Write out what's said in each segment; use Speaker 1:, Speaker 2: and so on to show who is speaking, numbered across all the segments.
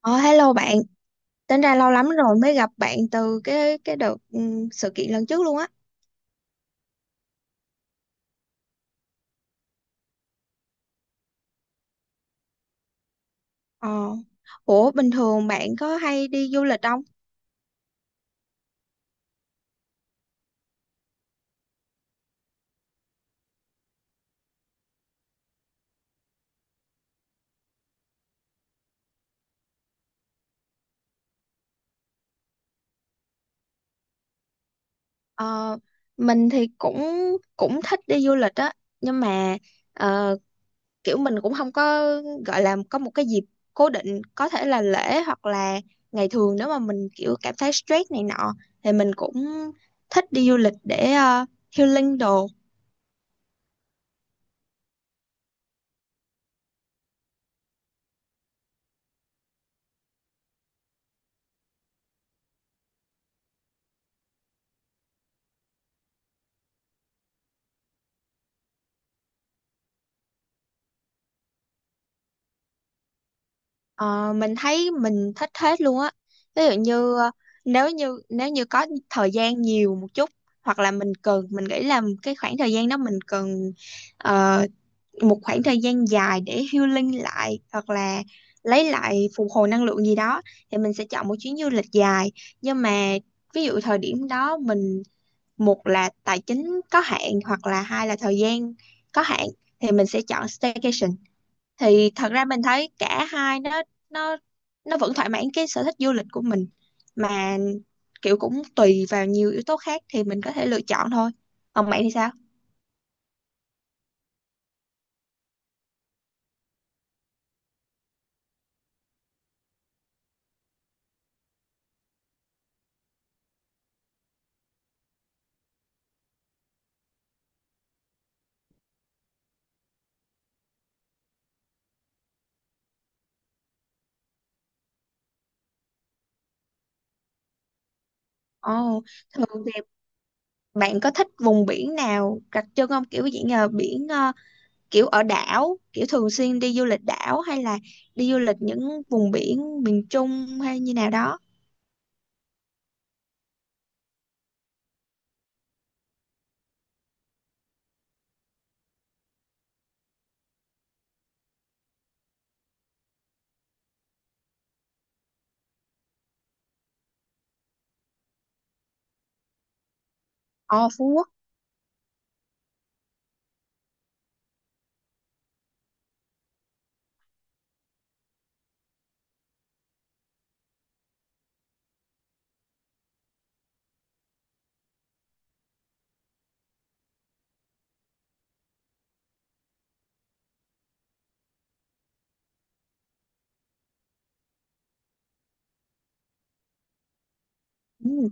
Speaker 1: Ờ, Hello bạn, tính ra lâu lắm rồi mới gặp bạn từ cái đợt sự kiện lần trước luôn á. Ờ, Ủa bình thường bạn có hay đi du lịch không? Ờ, mình thì cũng cũng thích đi du lịch á, nhưng mà ờ, kiểu mình cũng không có gọi là có một cái dịp cố định, có thể là lễ hoặc là ngày thường nếu mà mình kiểu cảm thấy stress này nọ thì mình cũng thích đi du lịch để healing đồ. Ờ, mình thấy mình thích hết luôn á. Ví dụ như nếu như có thời gian nhiều một chút hoặc là mình cần, mình nghĩ là cái khoảng thời gian đó mình cần ờ, một khoảng thời gian dài để healing lại hoặc là lấy lại phục hồi năng lượng gì đó thì mình sẽ chọn một chuyến du lịch dài. Nhưng mà ví dụ thời điểm đó mình một là tài chính có hạn hoặc là hai là thời gian có hạn thì mình sẽ chọn staycation. Thì thật ra mình thấy cả hai nó nó nó vẫn thỏa mãn cái sở thích du lịch của mình, mà kiểu cũng tùy vào nhiều yếu tố khác thì mình có thể lựa chọn thôi. Còn bạn thì sao? Ồ, thường thì bạn có thích vùng biển nào đặc trưng không, kiểu dạng là biển kiểu ở đảo, kiểu thường xuyên đi du lịch đảo hay là đi du lịch những vùng biển miền Trung hay như nào đó? Ồ, Phú Quốc. Ừ,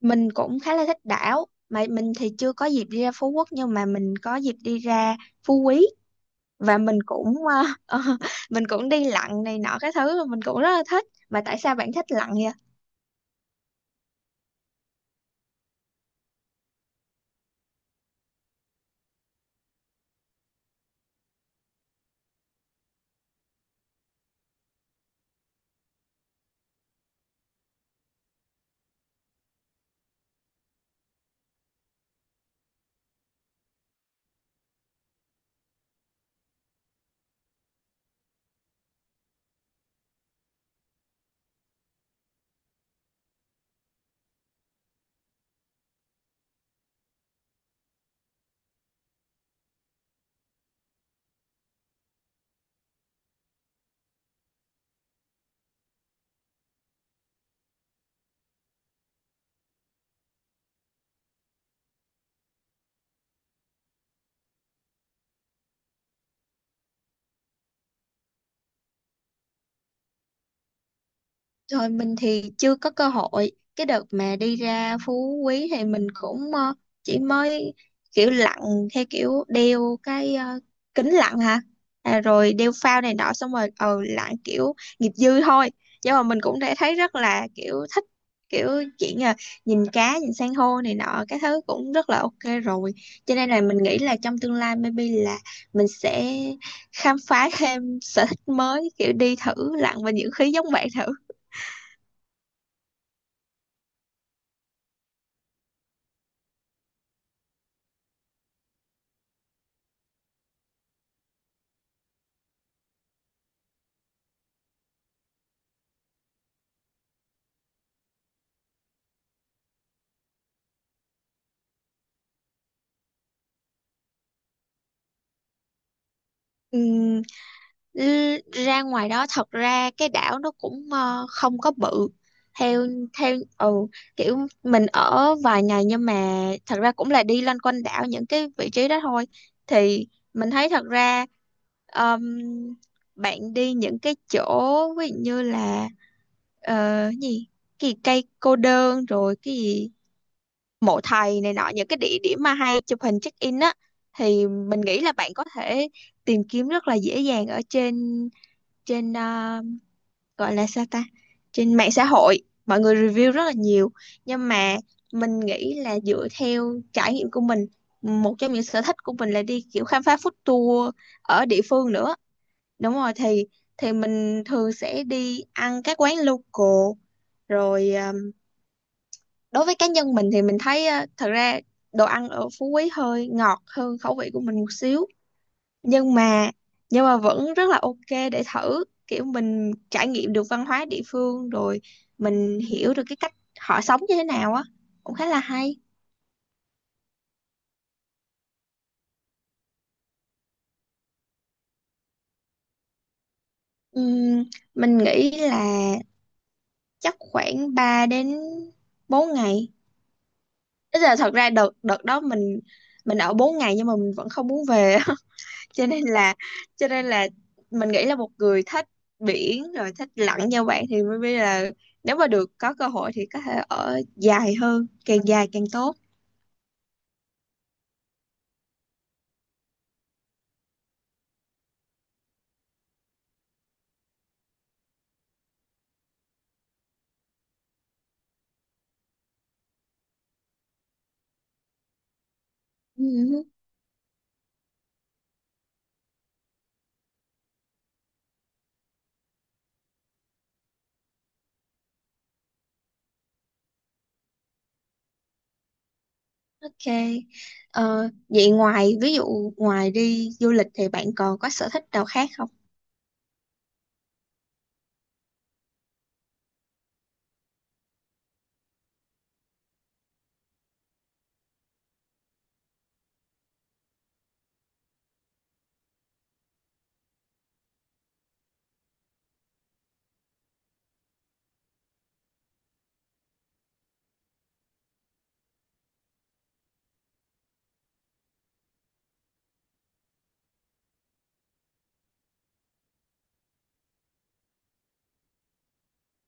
Speaker 1: mình cũng khá là thích đảo mà mình thì chưa có dịp đi ra Phú Quốc, nhưng mà mình có dịp đi ra Phú Quý. Và mình cũng mình cũng đi lặn này nọ cái thứ mình cũng rất là thích. Mà tại sao bạn thích lặn vậy? Rồi, mình thì chưa có cơ hội. Cái đợt mà đi ra Phú Quý thì mình cũng chỉ mới kiểu lặn theo kiểu đeo cái kính lặn hả? À, rồi đeo phao này nọ xong rồi lặn kiểu nghiệp dư thôi. Nhưng mà mình cũng đã thấy rất là kiểu thích, kiểu chuyện là nhìn cá, nhìn san hô này nọ cái thứ cũng rất là ok rồi. Cho nên là mình nghĩ là trong tương lai maybe là mình sẽ khám phá thêm sở thích mới, kiểu đi thử lặn và những khí giống bạn thử. Ừm, ra ngoài đó thật ra cái đảo nó cũng không có bự theo theo ừ kiểu mình ở vài ngày, nhưng mà thật ra cũng là đi loanh quanh đảo những cái vị trí đó thôi. Thì mình thấy thật ra ờm, bạn đi những cái chỗ ví dụ như là ờ, gì cái gì cây cô đơn rồi cái gì mộ thầy này nọ, những cái địa điểm mà hay chụp hình check in á, thì mình nghĩ là bạn có thể tìm kiếm rất là dễ dàng ở trên trên ờ, gọi là sao ta, trên mạng xã hội mọi người review rất là nhiều. Nhưng mà mình nghĩ là dựa theo trải nghiệm của mình, một trong những sở thích của mình là đi kiểu khám phá food tour ở địa phương nữa. Đúng rồi, thì mình thường sẽ đi ăn các quán local rồi. Ờ, Đối với cá nhân mình thì mình thấy thật ra đồ ăn ở Phú Quý hơi ngọt hơn khẩu vị của mình một xíu. Nhưng mà nhưng mà vẫn rất là ok để thử, kiểu mình trải nghiệm được văn hóa địa phương rồi mình hiểu được cái cách họ sống như thế nào á, cũng khá là hay. Ừm, mình nghĩ là chắc khoảng 3 đến 4 ngày. Tức là thật ra đợt đợt đó mình ở 4 ngày nhưng mà mình vẫn không muốn về. Cho nên là cho nên là mình nghĩ là một người thích biển rồi thích lặn như bạn thì mới biết là nếu mà được có cơ hội thì có thể ở dài hơn, càng dài càng tốt. Ừ, ok. Vậy ngoài ví dụ ngoài đi du lịch thì bạn còn có sở thích nào khác không?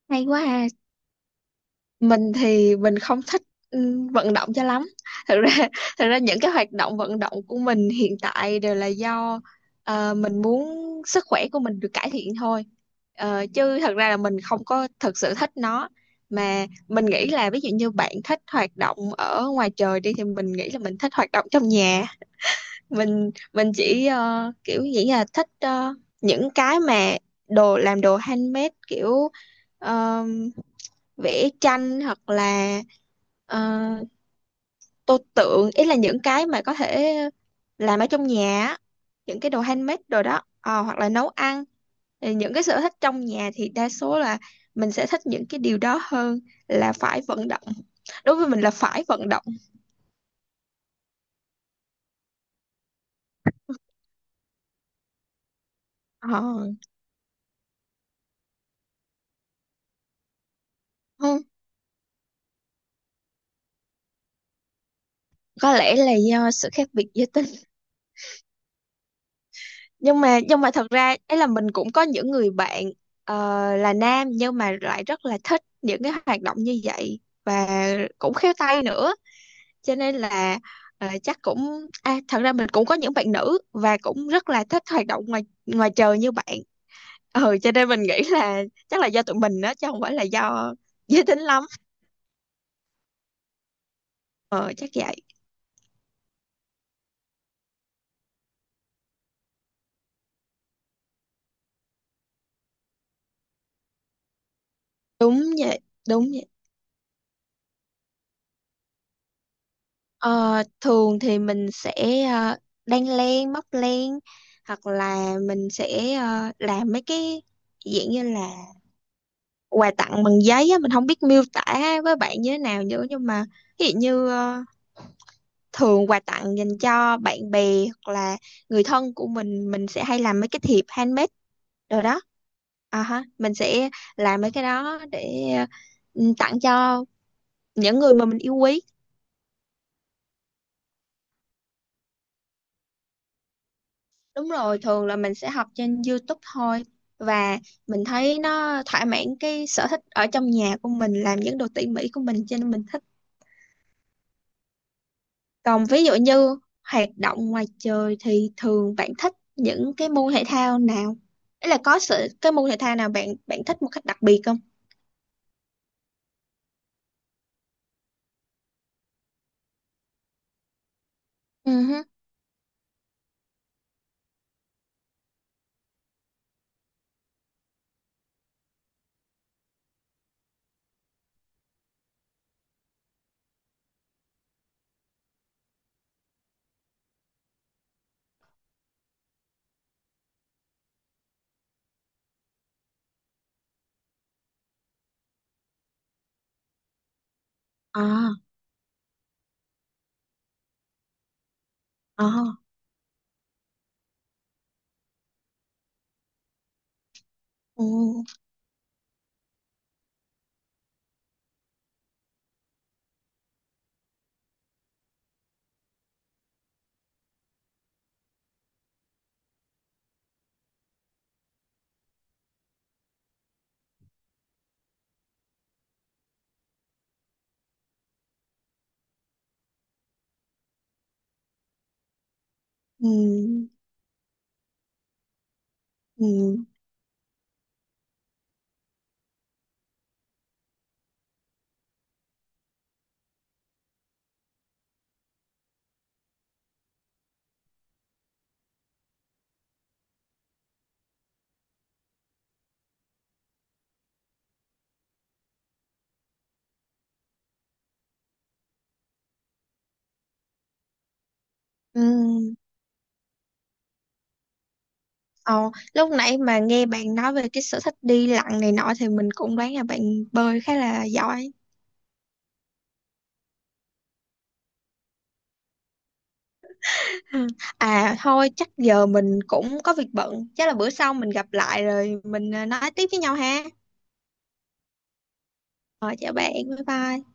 Speaker 1: Hay quá ha. Mình thì mình không thích vận động cho lắm. Thật ra thật ra những cái hoạt động vận động của mình hiện tại đều là do mình muốn sức khỏe của mình được cải thiện thôi. Ờ, chứ thật ra là mình không có thực sự thích nó. Mà mình nghĩ là ví dụ như bạn thích hoạt động ở ngoài trời đi thì mình nghĩ là mình thích hoạt động trong nhà. Mình chỉ kiểu nghĩ là thích những cái mà đồ làm đồ handmade, kiểu vẽ tranh hoặc là ờ, tô tượng, ý là những cái mà có thể làm ở trong nhà á, những cái đồ handmade đồ đó. Ờ, hoặc là nấu ăn. Thì những cái sở thích trong nhà thì đa số là mình sẽ thích những cái điều đó hơn là phải vận động, đối với mình là phải vận động. Ờ, không, có lẽ là do sự khác biệt giới tính. Nhưng mà thật ra ấy là mình cũng có những người bạn ờ, là nam nhưng mà lại rất là thích những cái hoạt động như vậy và cũng khéo tay nữa. Cho nên là chắc cũng à, thật ra mình cũng có những bạn nữ và cũng rất là thích hoạt động ngoài ngoài trời như bạn. Ừ, cho nên mình nghĩ là chắc là do tụi mình đó chứ không phải là do giới tính lắm. Ờ chắc vậy. Đúng vậy đúng vậy Ờ, thường thì mình sẽ ờ, đan len, móc len, hoặc là mình sẽ làm mấy cái dạng như là quà tặng bằng giấy á, mình không biết miêu tả với bạn như thế nào nữa. Nhưng mà ví dụ như thường quà tặng dành cho bạn bè hoặc là người thân của mình sẽ hay làm mấy cái thiệp handmade rồi đó. À ha, mình sẽ làm mấy cái đó để tặng cho những người mà mình yêu quý. Đúng rồi, thường là mình sẽ học trên YouTube thôi và mình thấy nó thỏa mãn cái sở thích ở trong nhà của mình, làm những đồ tỉ mỉ của mình, cho nên mình thích. Còn ví dụ như hoạt động ngoài trời thì thường bạn thích những cái môn thể thao nào? Ý là có sự cái môn thể thao nào bạn bạn thích một cách đặc biệt không? Ừ hứ. À, à, ừ, ừ, ừ, ừ. Ờ, lúc nãy mà nghe bạn nói về cái sở thích đi lặn này nọ thì mình cũng đoán là bạn bơi khá là giỏi. Ừ. À thôi chắc giờ mình cũng có việc bận. Chắc là bữa sau mình gặp lại rồi mình nói tiếp với nhau ha. Rồi, chào bạn, bye bye.